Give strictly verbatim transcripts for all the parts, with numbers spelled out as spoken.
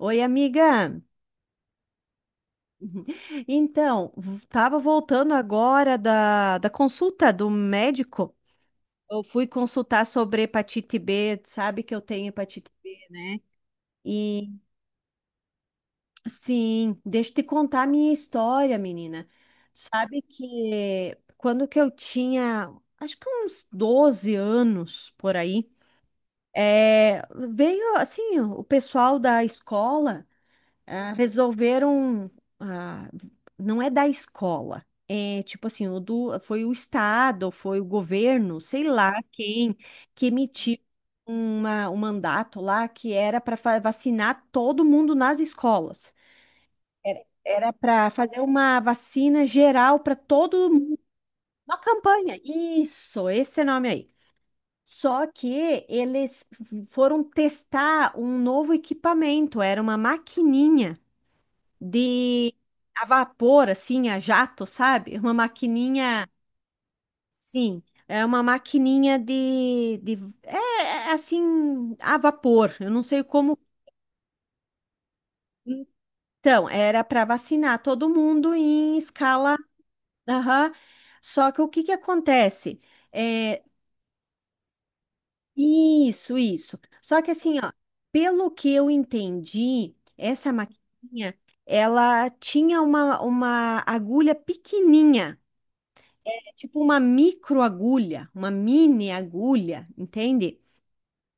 Oi, amiga. Então, estava voltando agora da, da consulta do médico. Eu fui consultar sobre hepatite B, tu sabe que eu tenho hepatite B. E sim, deixa eu te contar a minha história, menina. Sabe que quando que eu tinha, acho que uns doze anos por aí, é, veio assim, o pessoal da escola. Ah, resolveram, ah, não é da escola, é tipo assim, o do, foi o Estado, foi o governo, sei lá quem, que emitiu uma, um mandato lá que era para vacinar todo mundo nas escolas. Era era para fazer uma vacina geral para todo mundo, uma campanha. Isso, esse nome aí. Só que eles foram testar um novo equipamento, era uma maquininha de a vapor, assim, a jato, sabe? Uma maquininha, sim, é uma maquininha de, de é, é, assim, a vapor. Eu não sei como. Então, era para vacinar todo mundo em escala. Aham. Só que o que que acontece? É, isso, isso. Só que assim, ó, pelo que eu entendi, essa maquininha, ela tinha uma, uma agulha pequenininha. Tipo uma micro agulha, uma mini agulha, entende?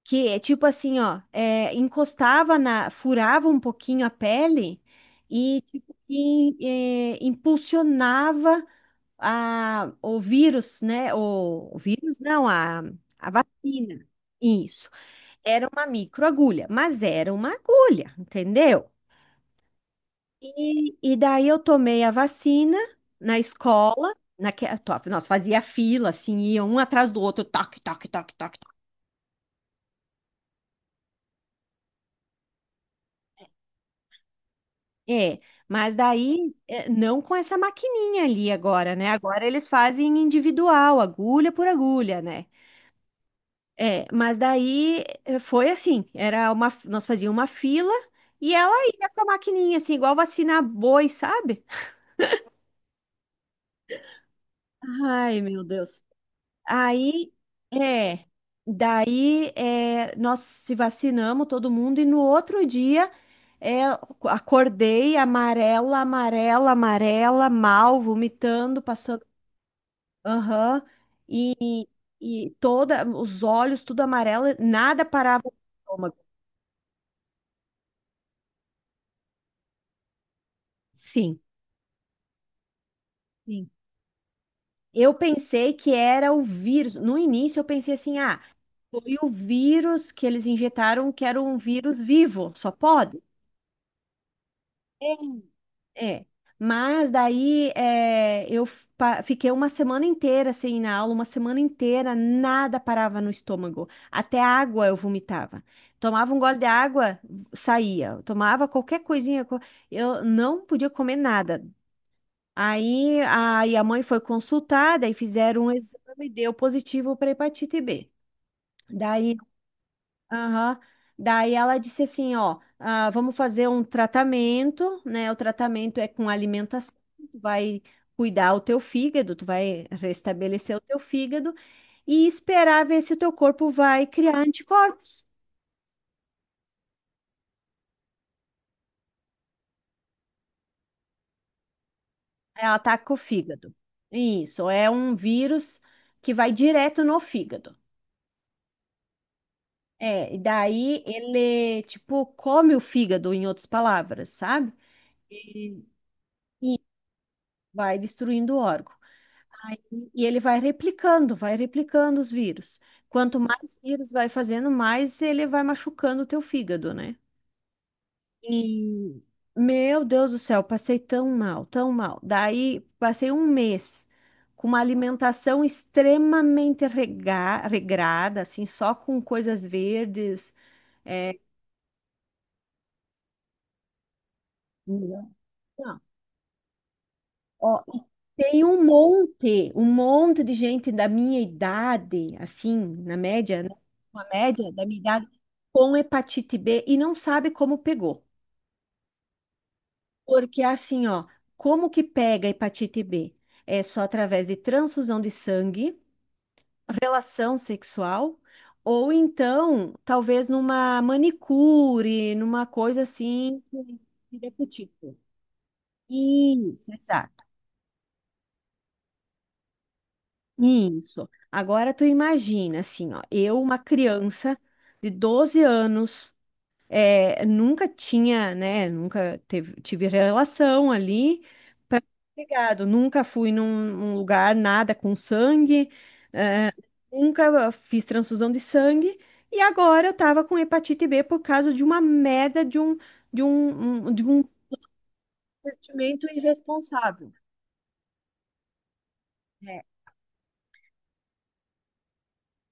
Que é tipo assim, ó, é, encostava na, furava um pouquinho a pele e tipo, in- é, impulsionava a, o vírus, né? O, o vírus não, a, a vacina. Isso. Era uma micro agulha, mas era uma agulha, entendeu? E, e daí eu tomei a vacina na escola, naque, top, nós fazia fila, assim, ia um atrás do outro, toque, toque, toque, toque, toque. É, mas daí é, não com essa maquininha ali agora, né? Agora eles fazem individual, agulha por agulha, né? É, mas daí eh, foi assim, era uma, nós fazíamos uma fila e ela ia com a maquininha, assim, igual vacinar boi, sabe? Ai, meu Deus. Aí, é, daí é, nós se vacinamos todo mundo e no outro dia é, acordei amarela, amarela, amarela, mal, vomitando, passando, aham, e toda, os olhos tudo amarelo, nada parava o estômago. Sim, sim. Eu pensei que era o vírus. No início eu pensei assim, ah, foi o vírus que eles injetaram, que era um vírus vivo, só pode. É, mas daí é, eu pa- fiquei uma semana inteira sem ir na aula, uma semana inteira nada parava no estômago, até água eu vomitava. Tomava um gole de água, saía. Tomava qualquer coisinha, co- eu não podia comer nada. Aí a, aí a mãe foi consultada e fizeram um exame, deu positivo para hepatite B. Daí. Aham. Daí ela disse assim, ó, ah, vamos fazer um tratamento, né? O tratamento é com alimentação, tu vai cuidar o teu fígado, tu vai restabelecer o teu fígado e esperar ver se o teu corpo vai criar anticorpos. É, ataca o fígado. Isso, é um vírus que vai direto no fígado. É, e daí ele, tipo, come o fígado, em outras palavras, sabe? E, e vai destruindo o órgão. Aí- E ele vai replicando, vai replicando os vírus. Quanto mais vírus vai fazendo, mais ele vai machucando o teu fígado, né? E, meu Deus do céu, passei tão mal, tão mal. Daí, passei um mês com uma alimentação extremamente rega- regrada, assim, só com coisas verdes. É, não. Ó, e tem um monte, um monte de gente da minha idade, assim, na média, né? Uma média da minha idade, com hepatite B e não sabe como pegou. Porque assim, ó, como que pega hepatite B? É só através de transfusão de sangue, relação sexual, ou então, talvez numa manicure, numa coisa assim, que- que dê pro tipo. Isso, exato. Isso. Agora tu imagina, assim, ó, eu, uma criança de doze anos, é, nunca tinha, né, nunca teve, tive relação ali para pegado, nunca fui num, num lugar nada com sangue, é, nunca fiz transfusão de sangue, e agora eu tava com hepatite B por causa de uma merda de um, de um, um- de um investimento irresponsável. É,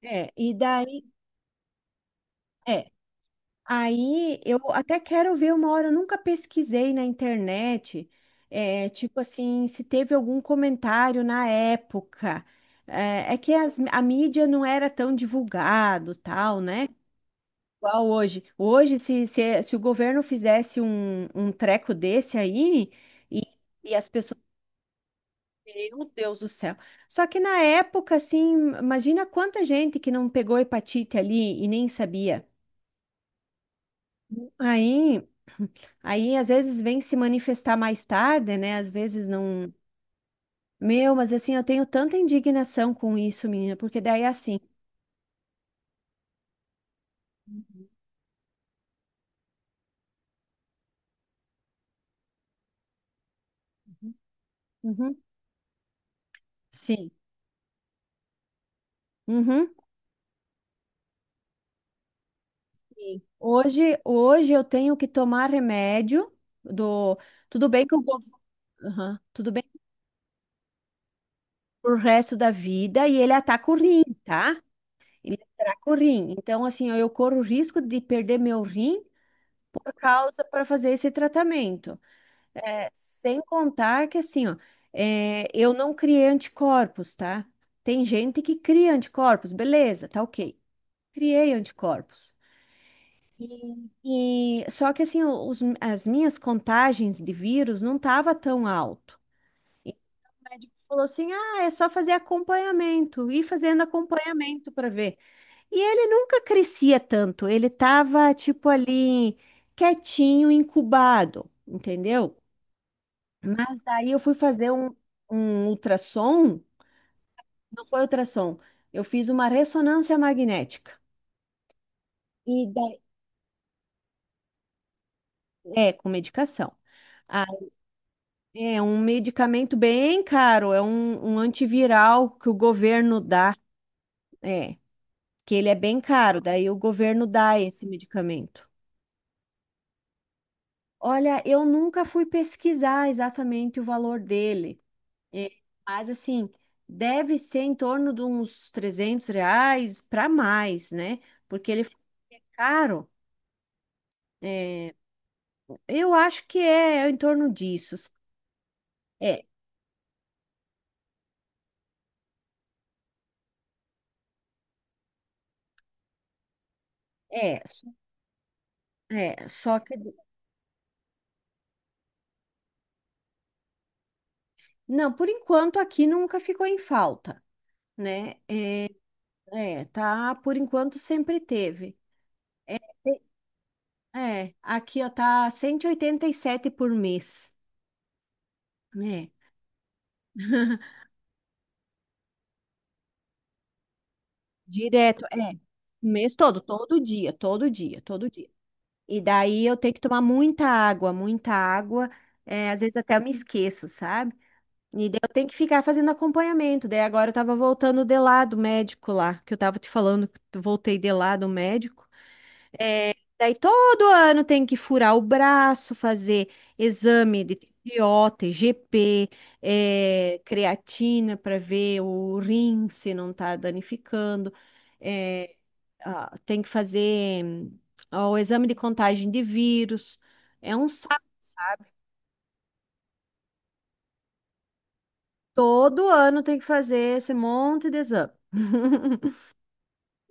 é, e daí. É, aí eu até quero ver uma hora, eu nunca pesquisei na internet, é, tipo assim, se teve algum comentário na época. É, é que as- a mídia não era tão divulgado, tal, né? Igual hoje. Hoje, se, se, se o governo fizesse um, um treco desse aí, e, e as pessoas, meu Deus do céu. Só que na época, assim, imagina quanta gente que não pegou hepatite ali e nem sabia. Aí. Aí às vezes vem se manifestar mais tarde, né? Às vezes não. Meu, mas assim, eu tenho tanta indignação com isso, menina, porque daí é assim. Uhum. Sim. Uhum. Sim. Hoje, hoje eu tenho que tomar remédio do. Tudo bem que eu vou. Aham. Tudo bem pro resto da vida e ele ataca o rim, tá? Ele ataca o rim. Então, assim, eu corro o risco de perder meu rim por causa para fazer esse tratamento. Sem contar que, assim, ó, é, eu não criei anticorpos, tá? Tem gente que cria anticorpos, beleza, tá ok. Criei anticorpos. E só que, assim, os- as minhas contagens de vírus não tava tão alto. E o médico falou assim: ah, é só fazer acompanhamento, ir fazendo acompanhamento para ver. E ele nunca crescia tanto, ele tava, tipo, ali, quietinho, incubado, entendeu? Mas daí eu fui fazer um, um ultrassom, não foi ultrassom, eu fiz uma ressonância magnética. E daí, é, com medicação. Ah, é um medicamento bem caro, é um, um antiviral que o governo dá, é, que ele é bem caro, daí o governo dá esse medicamento. Olha, eu nunca fui pesquisar exatamente o valor dele. É, mas assim, deve ser em torno de uns trezentos reais para mais, né? Porque ele é caro. É, eu acho que é em torno disso. É, é, é, só que não, por enquanto aqui nunca ficou em falta, né? É, tá, por enquanto sempre teve. É, te- é, aqui ó, tá cento e oitenta e sete por mês, né? Direto, é, mês todo, todo dia, todo dia, todo dia. E daí eu tenho que tomar muita água, muita água. É, às vezes até eu me esqueço, sabe? Eu tenho que ficar fazendo acompanhamento. Daí agora eu tava voltando de lá do médico lá, que eu tava te falando que eu voltei de lá do médico. É, daí todo ano tem que furar o braço, fazer exame de T P O, p é, creatina para ver o rim se não tá danificando. eh, ah, Tem que fazer ah, o exame de contagem de vírus. É um saco. Todo ano tem que fazer esse monte de exame.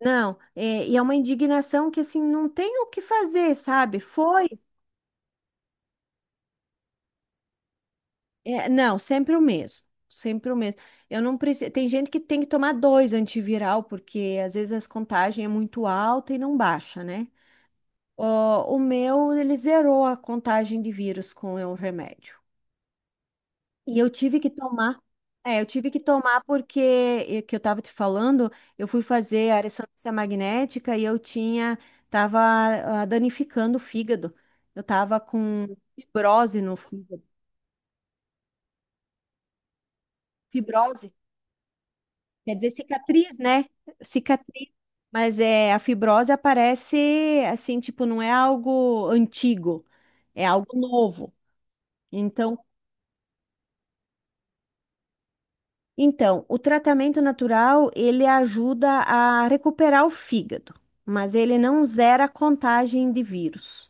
Não, é, e é uma indignação que assim não tem o que fazer, sabe? Foi, é, não, sempre o mesmo, sempre o mesmo. Eu não preciso. Tem gente que tem que tomar dois antiviral porque às vezes as contagens é muito alta e não baixa, né? Ó, o meu ele zerou a contagem de vírus com o remédio. E eu tive que tomar, é, eu tive que tomar porque, eh, que eu estava te falando, eu fui fazer a ressonância magnética e eu tinha, tava ah, danificando o fígado. Eu tava com fibrose no fígado. Fibrose, quer dizer cicatriz, né? Cicatriz. Mas é, a fibrose aparece assim, tipo, não é algo antigo, é algo novo. Então, Então, o tratamento natural, ele ajuda a recuperar o fígado, mas ele não zera a contagem de vírus.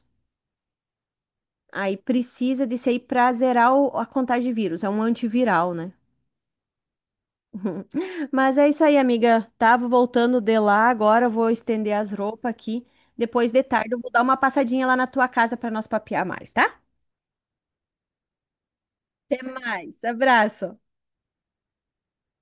Aí precisa disso aí para zerar o- a contagem de vírus, é um antiviral, né? Mas é isso aí, amiga. Tava voltando de lá, agora eu vou estender as roupas aqui. Depois de tarde eu vou dar uma passadinha lá na tua casa para nós papear mais, tá? Até mais, abraço.